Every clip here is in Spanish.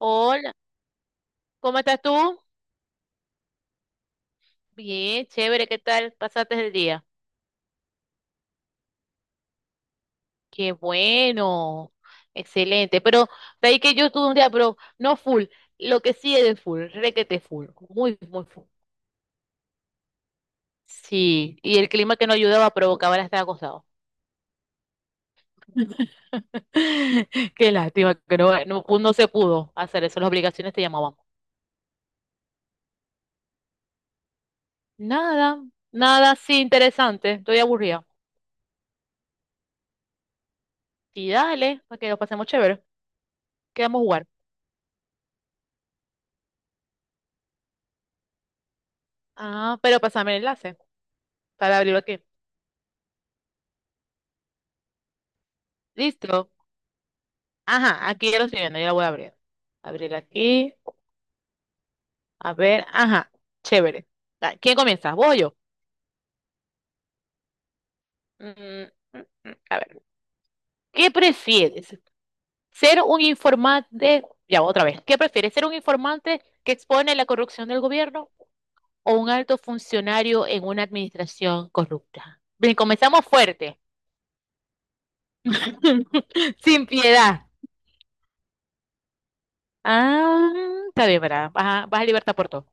Hola, ¿cómo estás tú? Bien, chévere, ¿qué tal? ¿Pasaste el día? Qué bueno, excelente. Pero de ahí que yo estuve un día, pero no full, lo que sí es de full, requete full, muy, muy full. Sí, y el clima que no ayudaba provocaba el estar acostado. Qué lástima que no, no, no se pudo hacer eso, las obligaciones te llamaban. Nada, nada así interesante, estoy aburrida. Y dale, para que lo pasemos chévere, quedamos a jugar. Ah, pero pásame el enlace para abrirlo aquí. Listo. Ajá, aquí ya lo estoy viendo, ya lo voy a abrir. Abrir aquí. A ver, ajá, chévere. Ah, ¿quién comienza? ¿Vos o yo? Mm, mm, a ver, ¿qué prefieres? ¿Ser un informante? Ya, otra vez. ¿Qué prefieres? ¿Ser un informante que expone la corrupción del gobierno o un alto funcionario en una administración corrupta? Bien, comenzamos fuerte. Sin piedad. Ah, está bien, ¿verdad? Vas a libertad por todo.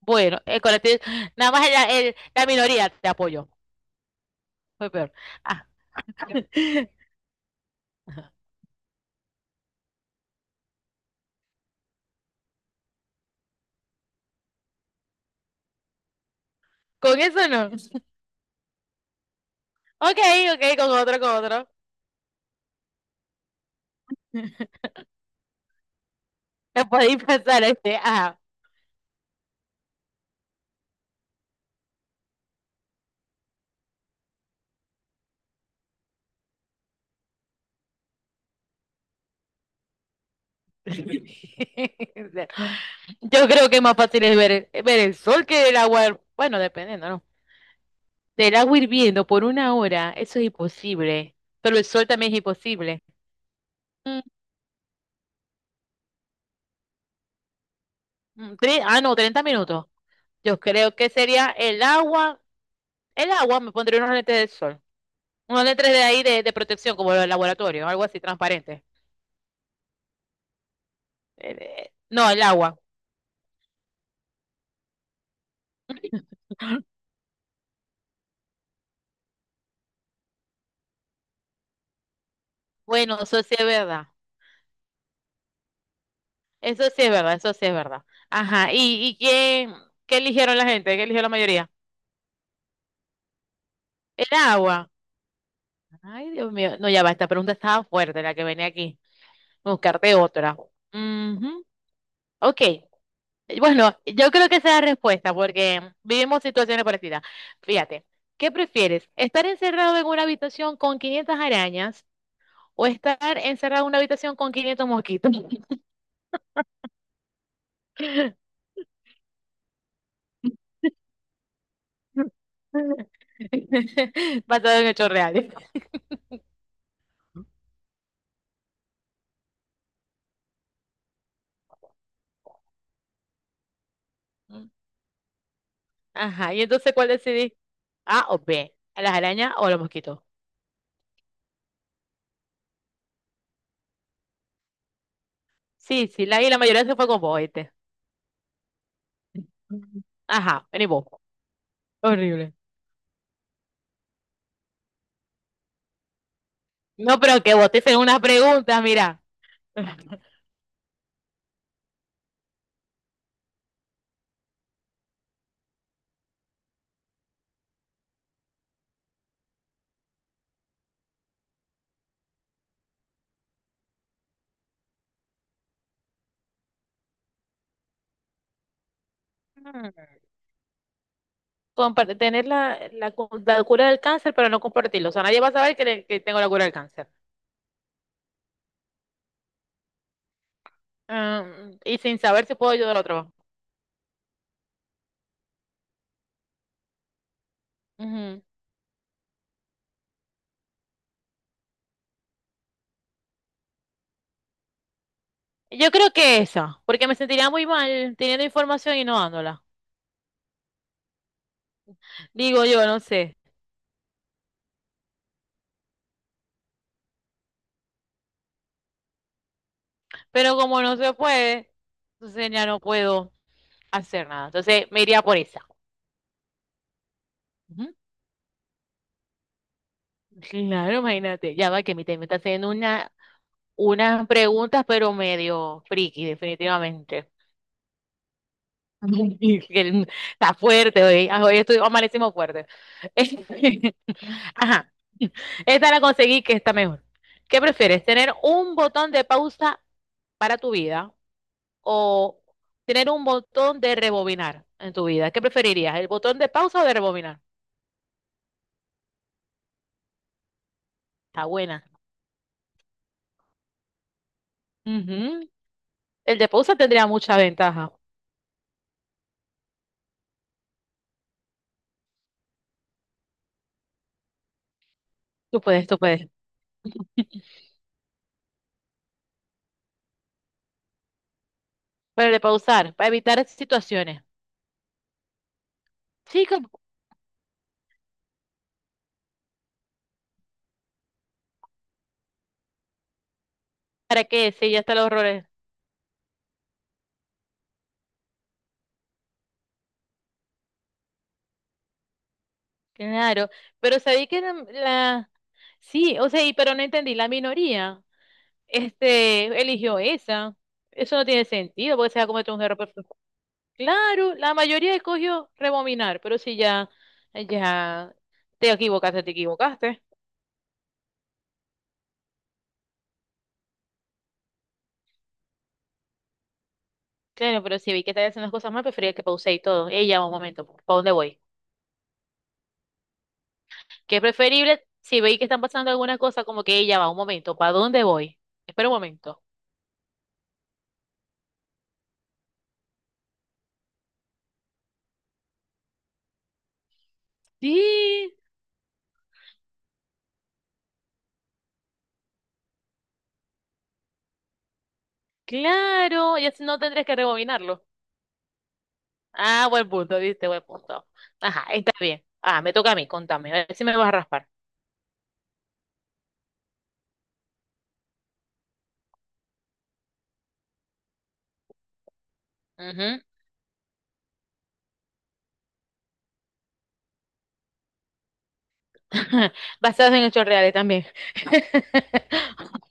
Bueno, el colectivo, nada más la minoría te apoyo. Fue peor. Ah, con eso no. Ok, ok, con otro, con otro. Me podéis pasar este. Ajá. Yo creo que es más fácil es ver el sol que el agua. Bueno, dependiendo, ¿no? Del agua hirviendo por una hora, eso es imposible. Pero el sol también es imposible. Mm, no, 30 minutos. Yo creo que sería el agua. El agua, me pondría unos lentes de sol. Unos letras de ahí de protección, como el laboratorio, algo así transparente. No, el agua. Bueno, eso sí es verdad. Eso sí es verdad, eso sí es verdad. Ajá. ¿Y qué eligieron la gente? ¿Qué eligió la mayoría? El agua. Ay, Dios mío. No, ya va, esta pregunta estaba fuerte, la que venía aquí. Buscarte otra. Ujú. Ok. Bueno, yo creo que esa es la respuesta, porque vivimos situaciones parecidas. Fíjate, ¿qué prefieres? ¿Estar encerrado en una habitación con 500 arañas o estar encerrado en una habitación con 500 mosquitos? Basado en hechos reales. Ajá, y entonces, ¿cuál decidí? ¿A o B, a las arañas o a los mosquitos? Sí, sí, y la mayoría se fue con vos, ¿oíste? Ajá, vení vos. Horrible. No, pero que vos te hicieron unas preguntas, mira. Tener la cura del cáncer, pero no compartirlo. O sea, nadie va a saber que tengo la cura del cáncer. Ah, y sin saber si puedo ayudar a otro. Ujú. Yo creo que esa, porque me sentiría muy mal teniendo información y no dándola. Digo yo, no sé. Pero como no se puede, entonces ya no puedo hacer nada. Entonces me iría por esa. Ujú. Claro, imagínate. Ya va que mi tema me está haciendo unas preguntas, pero medio friki, definitivamente. Está fuerte hoy. Ah, amanecimos fuerte. Ajá. Esta la conseguí que está mejor. ¿Qué prefieres? ¿Tener un botón de pausa para tu vida o tener un botón de rebobinar en tu vida? ¿Qué preferirías? ¿El botón de pausa o de rebobinar? Está buena. Ujú. El de pausa tendría mucha ventaja. Tú puedes, tú puedes. Pero el de pausar, para evitar esas situaciones. Chicos, ¿para qué? Sí, ya están los errores. Claro, pero sabí que la, la- Sí, o sea, y, pero no entendí, la minoría, este, eligió esa. Eso no tiene sentido, porque se va a cometer un error. Claro, la mayoría escogió rebobinar, pero si ya, te equivocaste, te equivocaste. Claro, pero si vi que estás haciendo las cosas mal, prefería que pausé y todo. Ella va un momento, ¿para dónde voy? Que es preferible, si veis que están pasando alguna cosa, como que ella va un momento, ¿para dónde voy? Espera un momento. Sí, claro, ya no tendrías que rebobinarlo. Ah, buen punto, viste, buen punto. Ajá, está bien. Ah, me toca a mí, contame, a ver si me vas a raspar. Ujú. Basados en hechos reales también.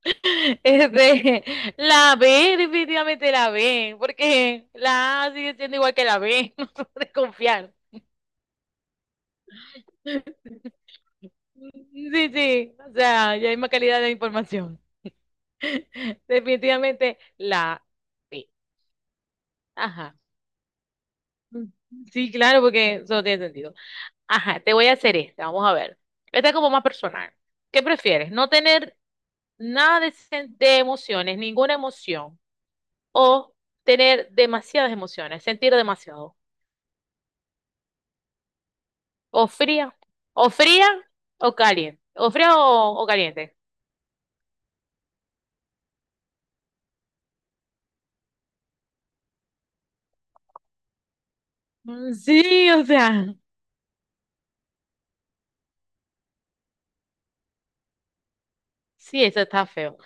Este, la B, definitivamente la B, porque la A sigue siendo igual que la B, no se puede confiar. Sí, sí, sí, o sea, ya hay más calidad de información. Definitivamente la B. Ajá. Sí, claro, porque eso no tiene sentido. Ajá, te voy a hacer esta, vamos a ver. Esta es como más personal. ¿Qué prefieres? ¿No tener nada de emociones, ninguna emoción, o tener demasiadas emociones, sentir demasiado? O fría, o fría o caliente, o fría o caliente. Sí, o sea, sí, eso está feo.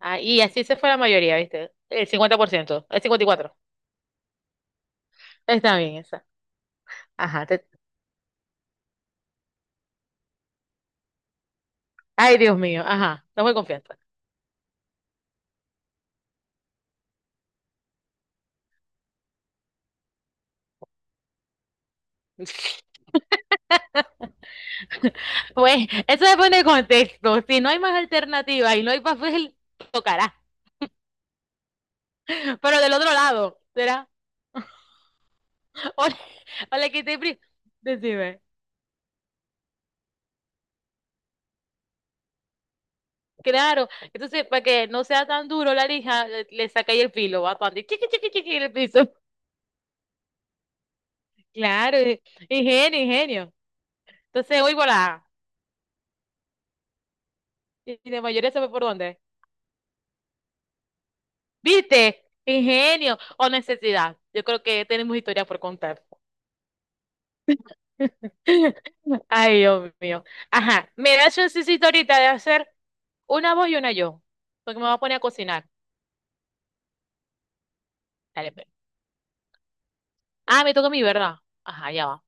Ah, y así se fue la mayoría, ¿viste? El 50%, el 54%. Está bien esa. Ajá, ay, Dios mío, ajá, no voy confianza. Pues, eso depende del contexto. Si no hay más alternativa y no hay papel, tocará. Pero del otro lado, será. O le, o le Decime. Claro, entonces para que no sea tan duro la lija, le saca ahí el filo, va cuando chiqui, chiqui, chiqui, en el piso. Claro, ingenio, ingenio. Entonces, hoy volá. Y de mayoría sabe por dónde. ¿Viste? Ingenio o necesidad. Yo creo que tenemos historia por contar. Ay, Dios mío. Ajá, me mira, yo necesito ahorita de hacer una voz y una yo, porque me voy a poner a cocinar. Dale, pues. Ah, me toca a mí, ¿verdad? Ajá, ya va.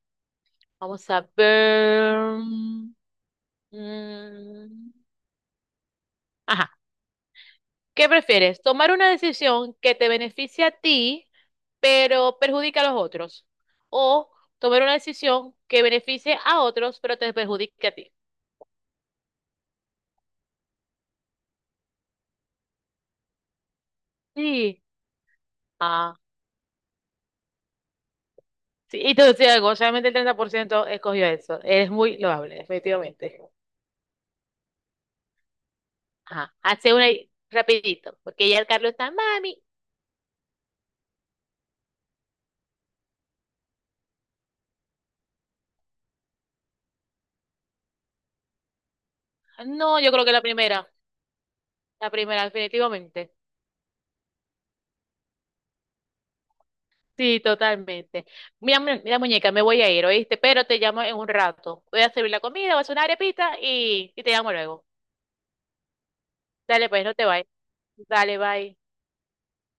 Vamos a ver. Mm, Ajá. ¿Qué prefieres? ¿Tomar una decisión que te beneficie a ti, pero perjudica a los otros? ¿O tomar una decisión que beneficie a otros, pero te perjudique a ti? Sí. Ah, sí. Y te voy a decir algo, solamente el 30% escogió eso. Es muy loable, efectivamente. Ajá. Hace una ahí, rapidito, porque ya el Carlos está, mami. No, yo creo que la primera, definitivamente. Sí, totalmente. Mira, muñeca, me voy a ir, ¿oíste? Pero te llamo en un rato. Voy a servir la comida, voy a hacer una arepita y te llamo luego. Dale, pues, no te vayas. Dale, bye.